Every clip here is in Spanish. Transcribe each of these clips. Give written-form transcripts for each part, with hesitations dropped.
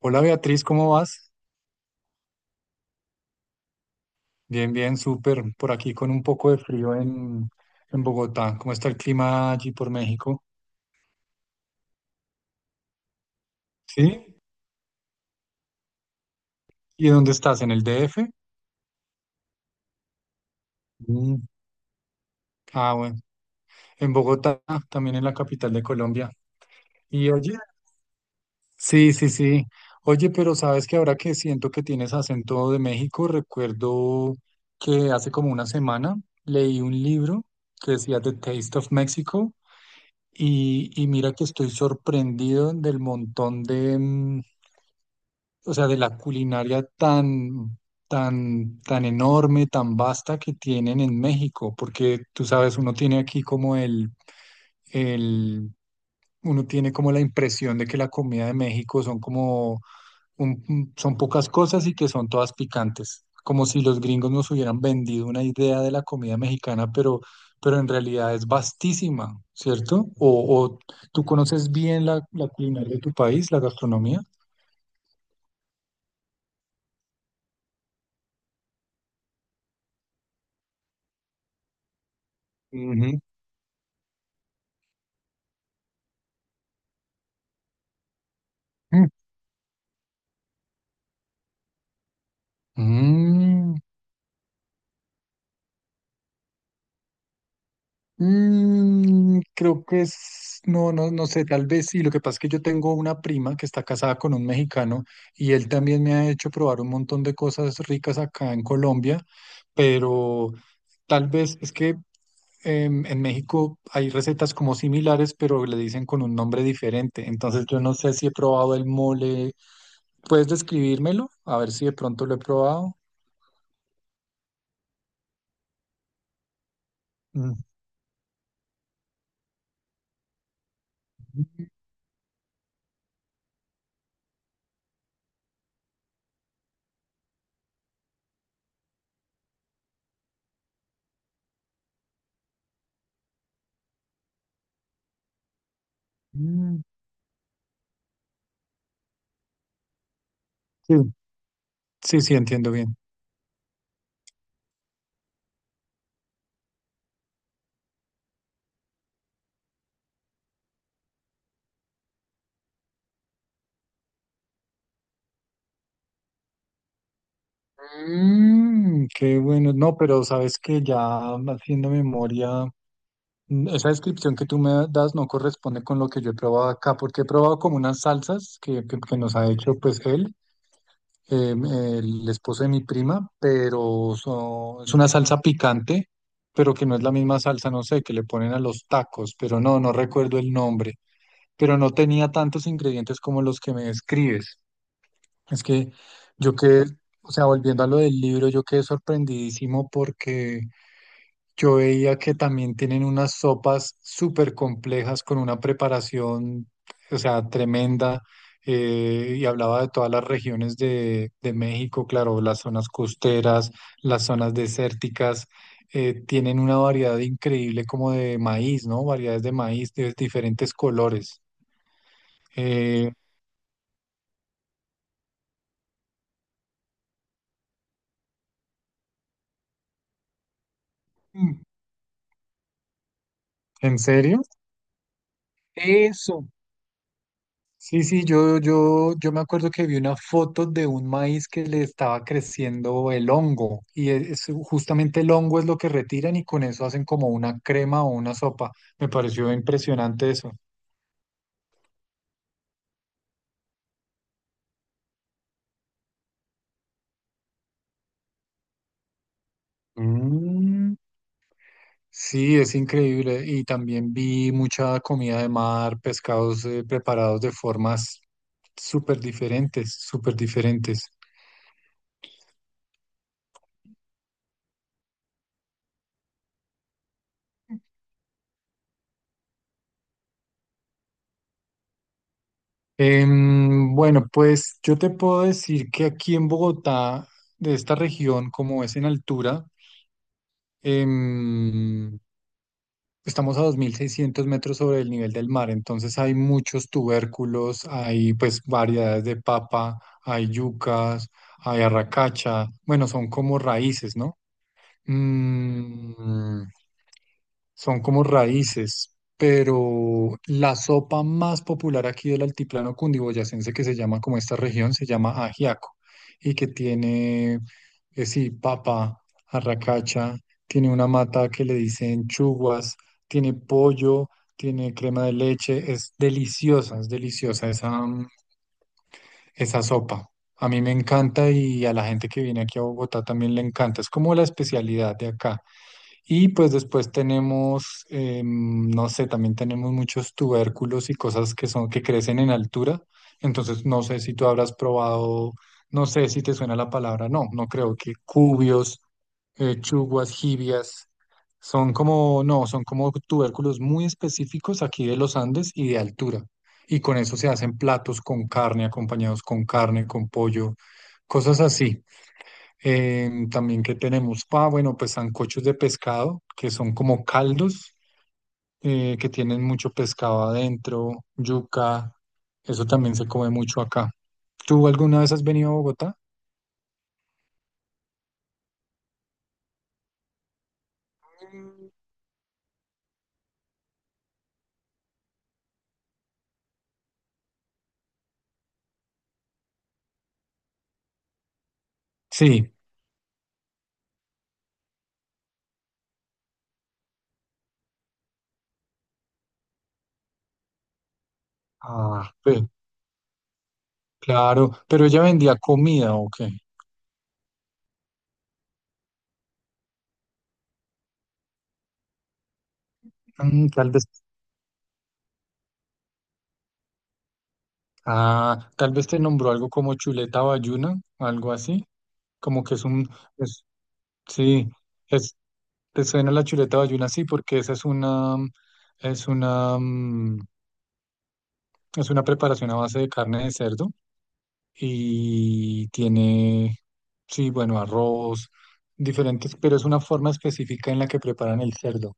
Hola Beatriz, ¿cómo vas? Bien, bien, súper. Por aquí con un poco de frío en Bogotá. ¿Cómo está el clima allí por México? ¿Sí? ¿Y dónde estás? ¿En el DF? Mm. Ah, bueno. En Bogotá, también en la capital de Colombia. ¿Y oye? Sí, sí, sí. Oye, pero sabes que ahora que siento que tienes acento de México, recuerdo que hace como una semana leí un libro que decía The Taste of Mexico y mira que estoy sorprendido del montón de, o sea, de la culinaria tan, tan, tan enorme, tan vasta que tienen en México, porque tú sabes, uno tiene aquí como el, uno tiene como la impresión de que la comida de México son como, son pocas cosas y que son todas picantes, como si los gringos nos hubieran vendido una idea de la comida mexicana, pero en realidad es vastísima, ¿cierto? O tú conoces bien la culinaria de tu país, la gastronomía. Ujú. Mm, mm, creo que es, no, no, no sé, tal vez sí. Lo que pasa es que yo tengo una prima que está casada con un mexicano y él también me ha hecho probar un montón de cosas ricas acá en Colombia, pero tal vez es que en México hay recetas como similares, pero le dicen con un nombre diferente. Entonces yo no sé si he probado el mole. ¿Puedes describírmelo? A ver si de pronto lo he probado. Ujú, mm, sí, sí, sí, entiendo bien. Mm, qué bueno. No, pero sabes que ya haciendo memoria, esa descripción que tú me das no corresponde con lo que yo he probado acá, porque he probado como unas salsas que nos ha hecho pues él, el esposo de mi prima, pero es una salsa picante, pero que no es la misma salsa, no sé, que le ponen a los tacos, pero no, no recuerdo el nombre. Pero no tenía tantos ingredientes como los que me describes. Es que yo quedé, o sea, volviendo a lo del libro, yo quedé sorprendidísimo porque yo veía que también tienen unas sopas súper complejas con una preparación, o sea, tremenda. Y hablaba de todas las regiones de México, claro, las zonas costeras, las zonas desérticas, tienen una variedad increíble como de maíz, ¿no? Variedades de maíz de diferentes colores. Eh, Mm. ¿En serio? Eso. Sí, sí, yo me acuerdo que vi una foto de un maíz que le estaba creciendo el hongo y justamente el hongo es lo que retiran y con eso hacen como una crema o una sopa. Me pareció impresionante eso. Mm, sí, es increíble. Y también vi mucha comida de mar, pescados preparados de formas súper diferentes, súper diferentes. Bueno, pues yo te puedo decir que aquí en Bogotá, de esta región, como es en altura, em, estamos a 2.600 metros sobre el nivel del mar, entonces hay muchos tubérculos, hay pues variedades de papa, hay yucas, hay arracacha, bueno, son como raíces, ¿no? Mm, son como raíces, pero la sopa más popular aquí del altiplano cundiboyacense que se llama como esta región se llama ajiaco y que tiene, sí, papa, arracacha, tiene una mata que le dicen chuguas, tiene pollo, tiene crema de leche, es deliciosa esa, esa sopa. A mí me encanta y a la gente que viene aquí a Bogotá también le encanta. Es como la especialidad de acá. Y pues después tenemos, no sé, también tenemos muchos tubérculos y cosas que son, que crecen en altura. Entonces, no sé si tú habrás probado, no sé si te suena la palabra, no, no creo, que cubios, chuguas, jibias, son como, no, son como tubérculos muy específicos aquí de los Andes y de altura. Y con eso se hacen platos con carne, acompañados con carne, con pollo, cosas así. También que tenemos, ah, bueno, pues sancochos de pescado, que son como caldos, que tienen mucho pescado adentro, yuca, eso también se come mucho acá. ¿Tú alguna vez has venido a Bogotá? Sí. Ah, pues, claro, pero ella vendía comida, ¿o qué? Tal vez, ah, tal vez te nombró algo como chuleta bayuna, algo así, como que es un, es- sí, es, te suena la chuleta bayuna, sí, porque esa es una, Es una preparación a base de carne de cerdo y tiene, sí, bueno, arroz, diferentes, pero es una forma específica en la que preparan el cerdo.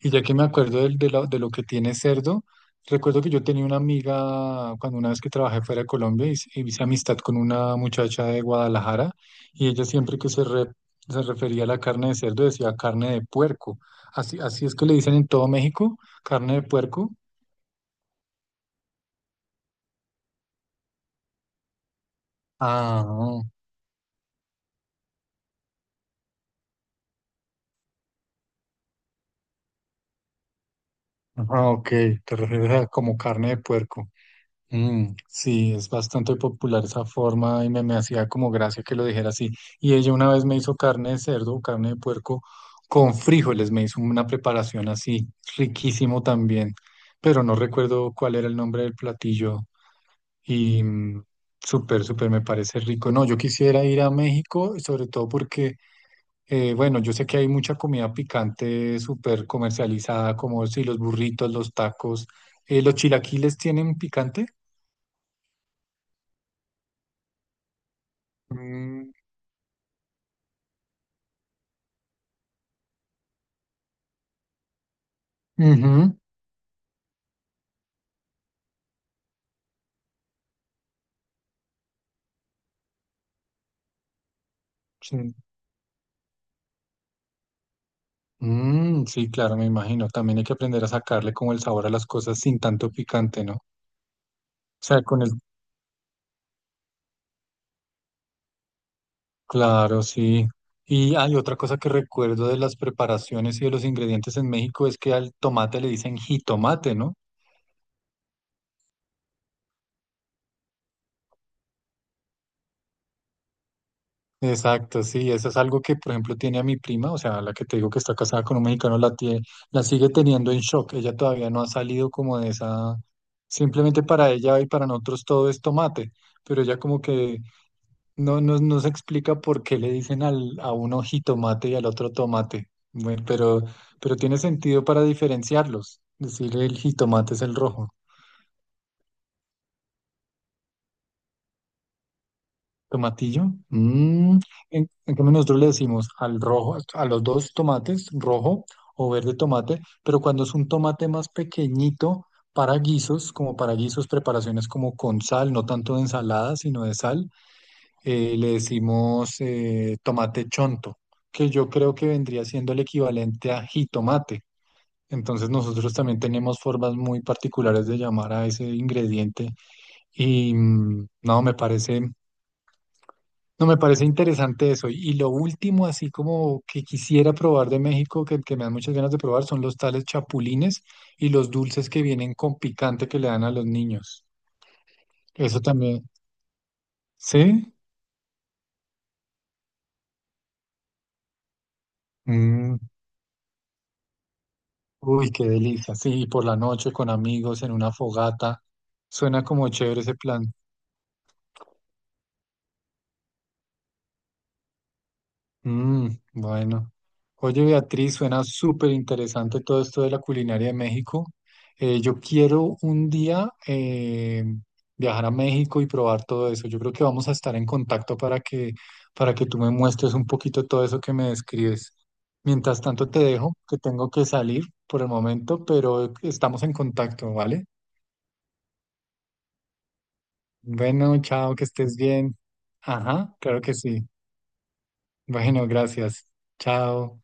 Y ya que me acuerdo de lo que tiene cerdo, recuerdo que yo tenía una amiga cuando una vez que trabajé fuera de Colombia hice amistad con una muchacha de Guadalajara y ella siempre que se refería a la carne de cerdo decía carne de puerco. Así, así es que le dicen en todo México, carne de puerco. Ah. Ah, ok, te refieres a como carne de puerco. Mm, sí, es bastante popular esa forma y me hacía como gracia que lo dijera así. Y ella una vez me hizo carne de cerdo, carne de puerco con frijoles, me hizo una preparación así, riquísimo también, pero no recuerdo cuál era el nombre del platillo y súper, súper me parece rico. No, yo quisiera ir a México, sobre todo porque bueno, yo sé que hay mucha comida picante súper comercializada, como si los burritos, los tacos, los chilaquiles tienen picante. Mm, ujú, sí. Mm, sí, claro, me imagino. También hay que aprender a sacarle como el sabor a las cosas sin tanto picante, ¿no? O sea, con el. Claro, sí. Y hay otra cosa que recuerdo de las preparaciones y de los ingredientes en México es que al tomate le dicen jitomate, ¿no? Exacto, sí, eso es algo que, por ejemplo, tiene a mi prima, o sea, la que te digo que está casada con un mexicano, la sigue teniendo en shock. Ella todavía no ha salido como de esa, simplemente para ella y para nosotros todo es tomate, pero ella como que no, no, no se explica por qué le dicen a uno jitomate y al otro tomate. Bueno, pero tiene sentido para diferenciarlos, decir el jitomate es el rojo. Tomatillo. Mm, en cambio nosotros le decimos al rojo, a los dos tomates, rojo o verde tomate, pero cuando es un tomate más pequeñito para guisos, como para guisos, preparaciones como con sal, no tanto de ensalada, sino de sal, le decimos tomate chonto, que yo creo que vendría siendo el equivalente a jitomate. Entonces nosotros también tenemos formas muy particulares de llamar a ese ingrediente y no, me parece. No, me parece interesante eso. Y lo último, así como que quisiera probar de México, que me dan muchas ganas de probar, son los tales chapulines y los dulces que vienen con picante que le dan a los niños. Eso también. ¿Sí? Mm, Uy, qué delicia. Sí, y por la noche con amigos en una fogata. Suena como chévere ese plan. Bueno. Oye, Beatriz, suena súper interesante todo esto de la culinaria de México. Yo quiero un día viajar a México y probar todo eso. Yo creo que vamos a estar en contacto para que, tú me muestres un poquito todo eso que me describes. Mientras tanto, te dejo, que tengo que salir por el momento, pero estamos en contacto, ¿vale? Bueno, chao, que estés bien. Ajá, claro que sí. Bueno, gracias. Chao.